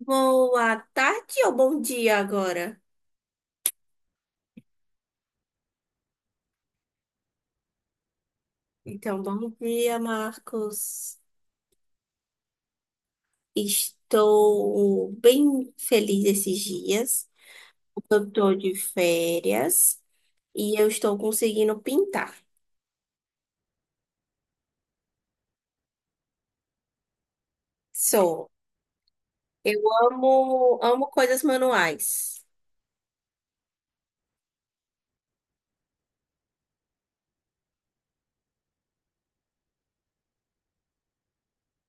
Boa tarde ou bom dia agora? Então, bom dia, Marcos. Estou bem feliz esses dias. Eu estou de férias e eu estou conseguindo pintar. Sou. Eu amo, amo coisas manuais.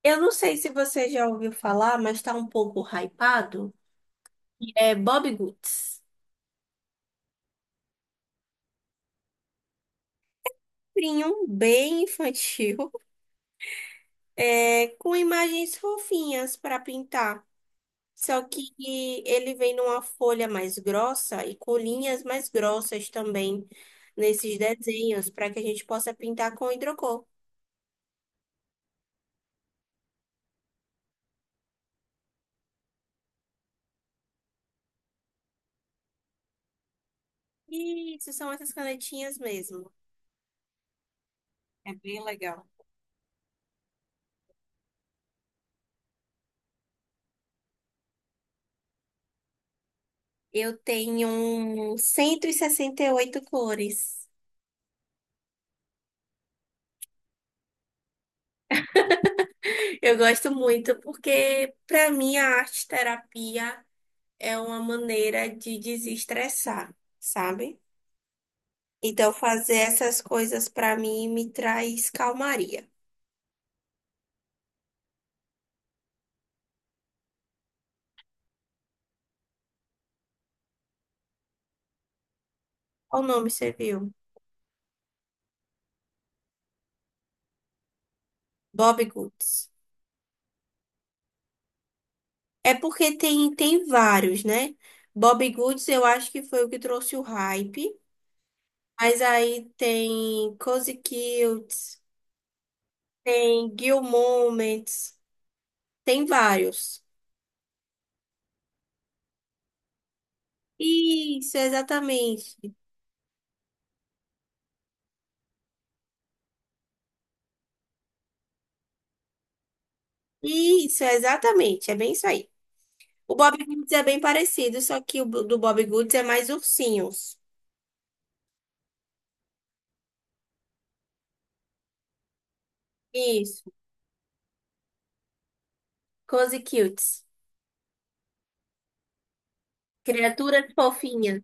Eu não sei se você já ouviu falar, mas está um pouco hypado. É Bobbie Goods. Livrinho bem infantil, é, com imagens fofinhas para pintar. Só que ele vem numa folha mais grossa e com linhas mais grossas também nesses desenhos, para que a gente possa pintar com hidrocor. Isso, são essas canetinhas mesmo. É bem legal. Eu tenho 168 cores. Eu gosto muito porque, para mim, a arte terapia é uma maneira de desestressar, sabe? Então, fazer essas coisas para mim me traz calmaria. Qual nome você viu? Bob Goods. É porque tem vários, né? Bob Goods eu acho que foi o que trouxe o hype. Mas aí tem Cozy Cutes, tem Gil Moments, tem vários. Isso, exatamente. Isso, exatamente. É bem isso aí. O Bob Goods é bem parecido, só que o do Bob Goods é mais ursinhos. Isso, Cozy Cutes. Criaturas fofinhas.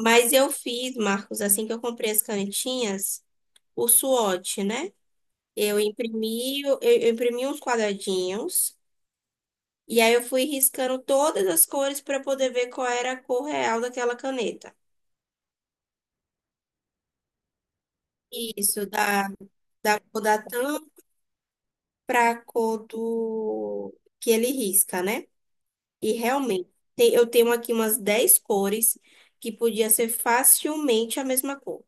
Mas eu fiz, Marcos, assim que eu comprei as canetinhas. O SWOT, né? Eu imprimi, eu imprimi uns quadradinhos e aí eu fui riscando todas as cores para poder ver qual era a cor real daquela caneta. Isso, da, da cor da tampa para a cor do que ele risca, né? E realmente, eu tenho aqui umas 10 cores que podia ser facilmente a mesma cor.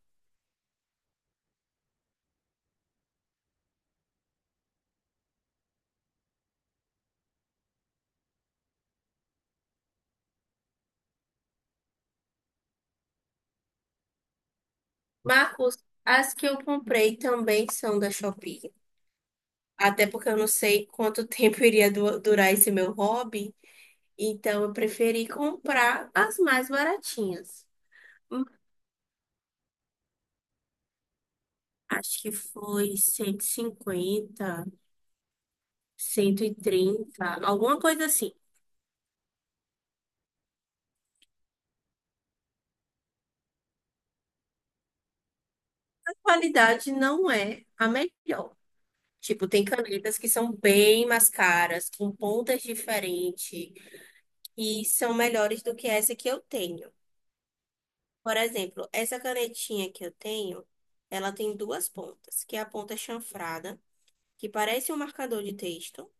Marcos, as que eu comprei também são da Shopee. Até porque eu não sei quanto tempo iria durar esse meu hobby. Então, eu preferi comprar as mais baratinhas. Hum, Acho que foi 150, 130, alguma coisa assim. A qualidade não é a melhor. Tipo, tem canetas que são bem mais caras, com pontas diferentes, e são melhores do que essa que eu tenho. Por exemplo, essa canetinha que eu tenho, ela tem duas pontas, que é a ponta chanfrada, que parece um marcador de texto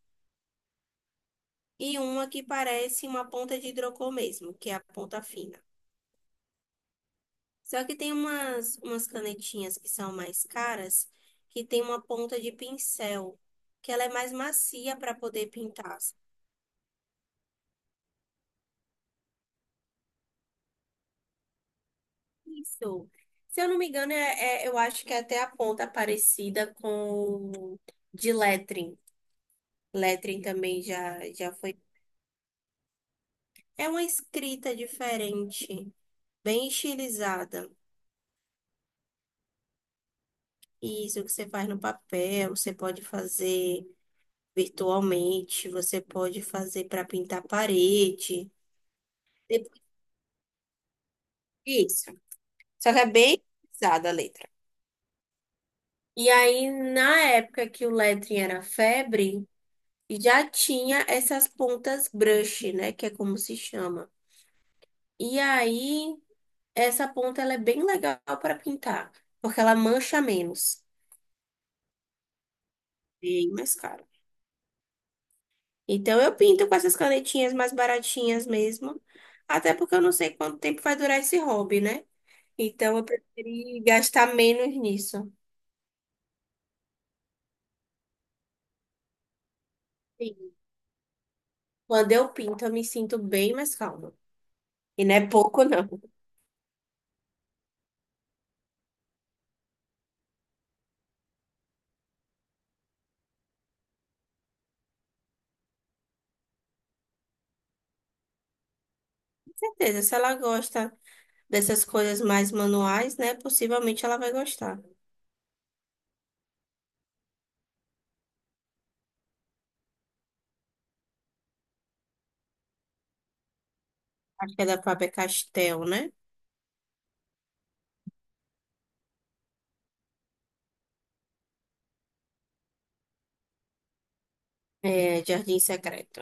e uma que parece uma ponta de hidrocor mesmo, que é a ponta fina. Só que tem umas canetinhas que são mais caras, que tem uma ponta de pincel, que ela é mais macia para poder pintar. Isso. Se eu não me engano, eu acho que é até a ponta parecida com de lettering. Lettering também já foi. É uma escrita diferente, bem estilizada. Isso que você faz no papel, você pode fazer. Virtualmente, você pode fazer para pintar parede. Depois disso. Só que é bem pesada a letra. E aí, na época que o lettering era febre, já tinha essas pontas brush, né? Que é como se chama. E aí, essa ponta ela é bem legal para pintar, porque ela mancha menos. Bem mais caro. Então, eu pinto com essas canetinhas mais baratinhas mesmo. Até porque eu não sei quanto tempo vai durar esse hobby, né? Então eu preferi gastar menos nisso. Sim. Quando eu pinto, eu me sinto bem mais calma. E não é pouco, não. Com certeza, se ela gosta dessas coisas mais manuais, né? Possivelmente ela vai gostar. Acho que é da própria Castel, né? É, Jardim Secreto.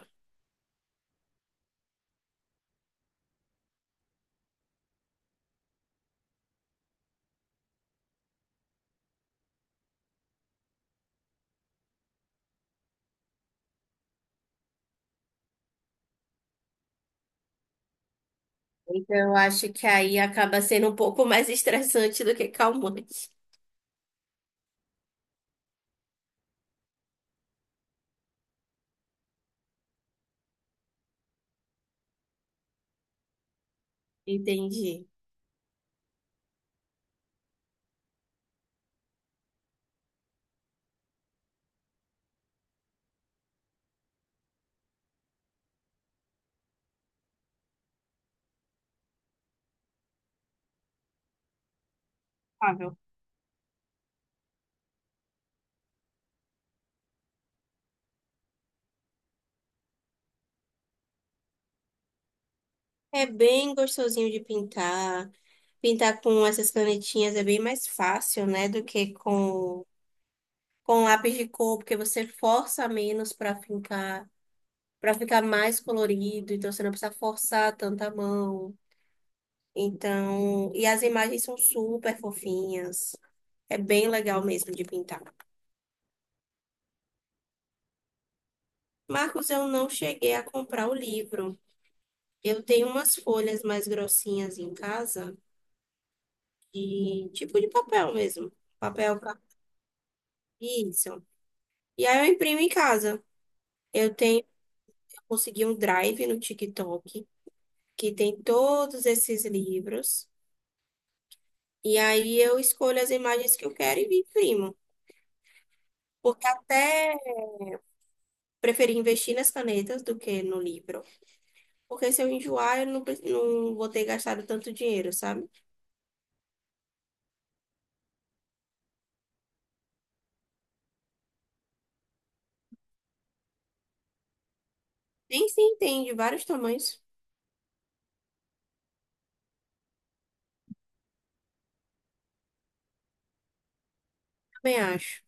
Então eu acho que aí acaba sendo um pouco mais estressante do que calmante. Entendi. Fável. É bem gostosinho de pintar. Pintar com essas canetinhas é bem mais fácil, né? Do que com lápis de cor, porque você força menos para fincar, para ficar mais colorido, então você não precisa forçar tanta mão. Então, e as imagens são super fofinhas. É bem legal mesmo de pintar. Marcos, eu não cheguei a comprar o livro. Eu tenho umas folhas mais grossinhas em casa, de tipo de papel mesmo. Papel para isso. E aí eu imprimo em casa. Eu tenho, eu consegui um drive no TikTok que tem todos esses livros. E aí eu escolho as imagens que eu quero e imprimo. Porque até preferi investir nas canetas do que no livro. Porque se eu enjoar, eu não, não vou ter gastado tanto dinheiro, sabe? Nem se entende vários tamanhos, também acho.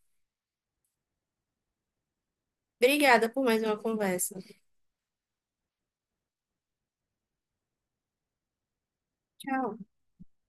Obrigada por mais uma conversa. Tchau.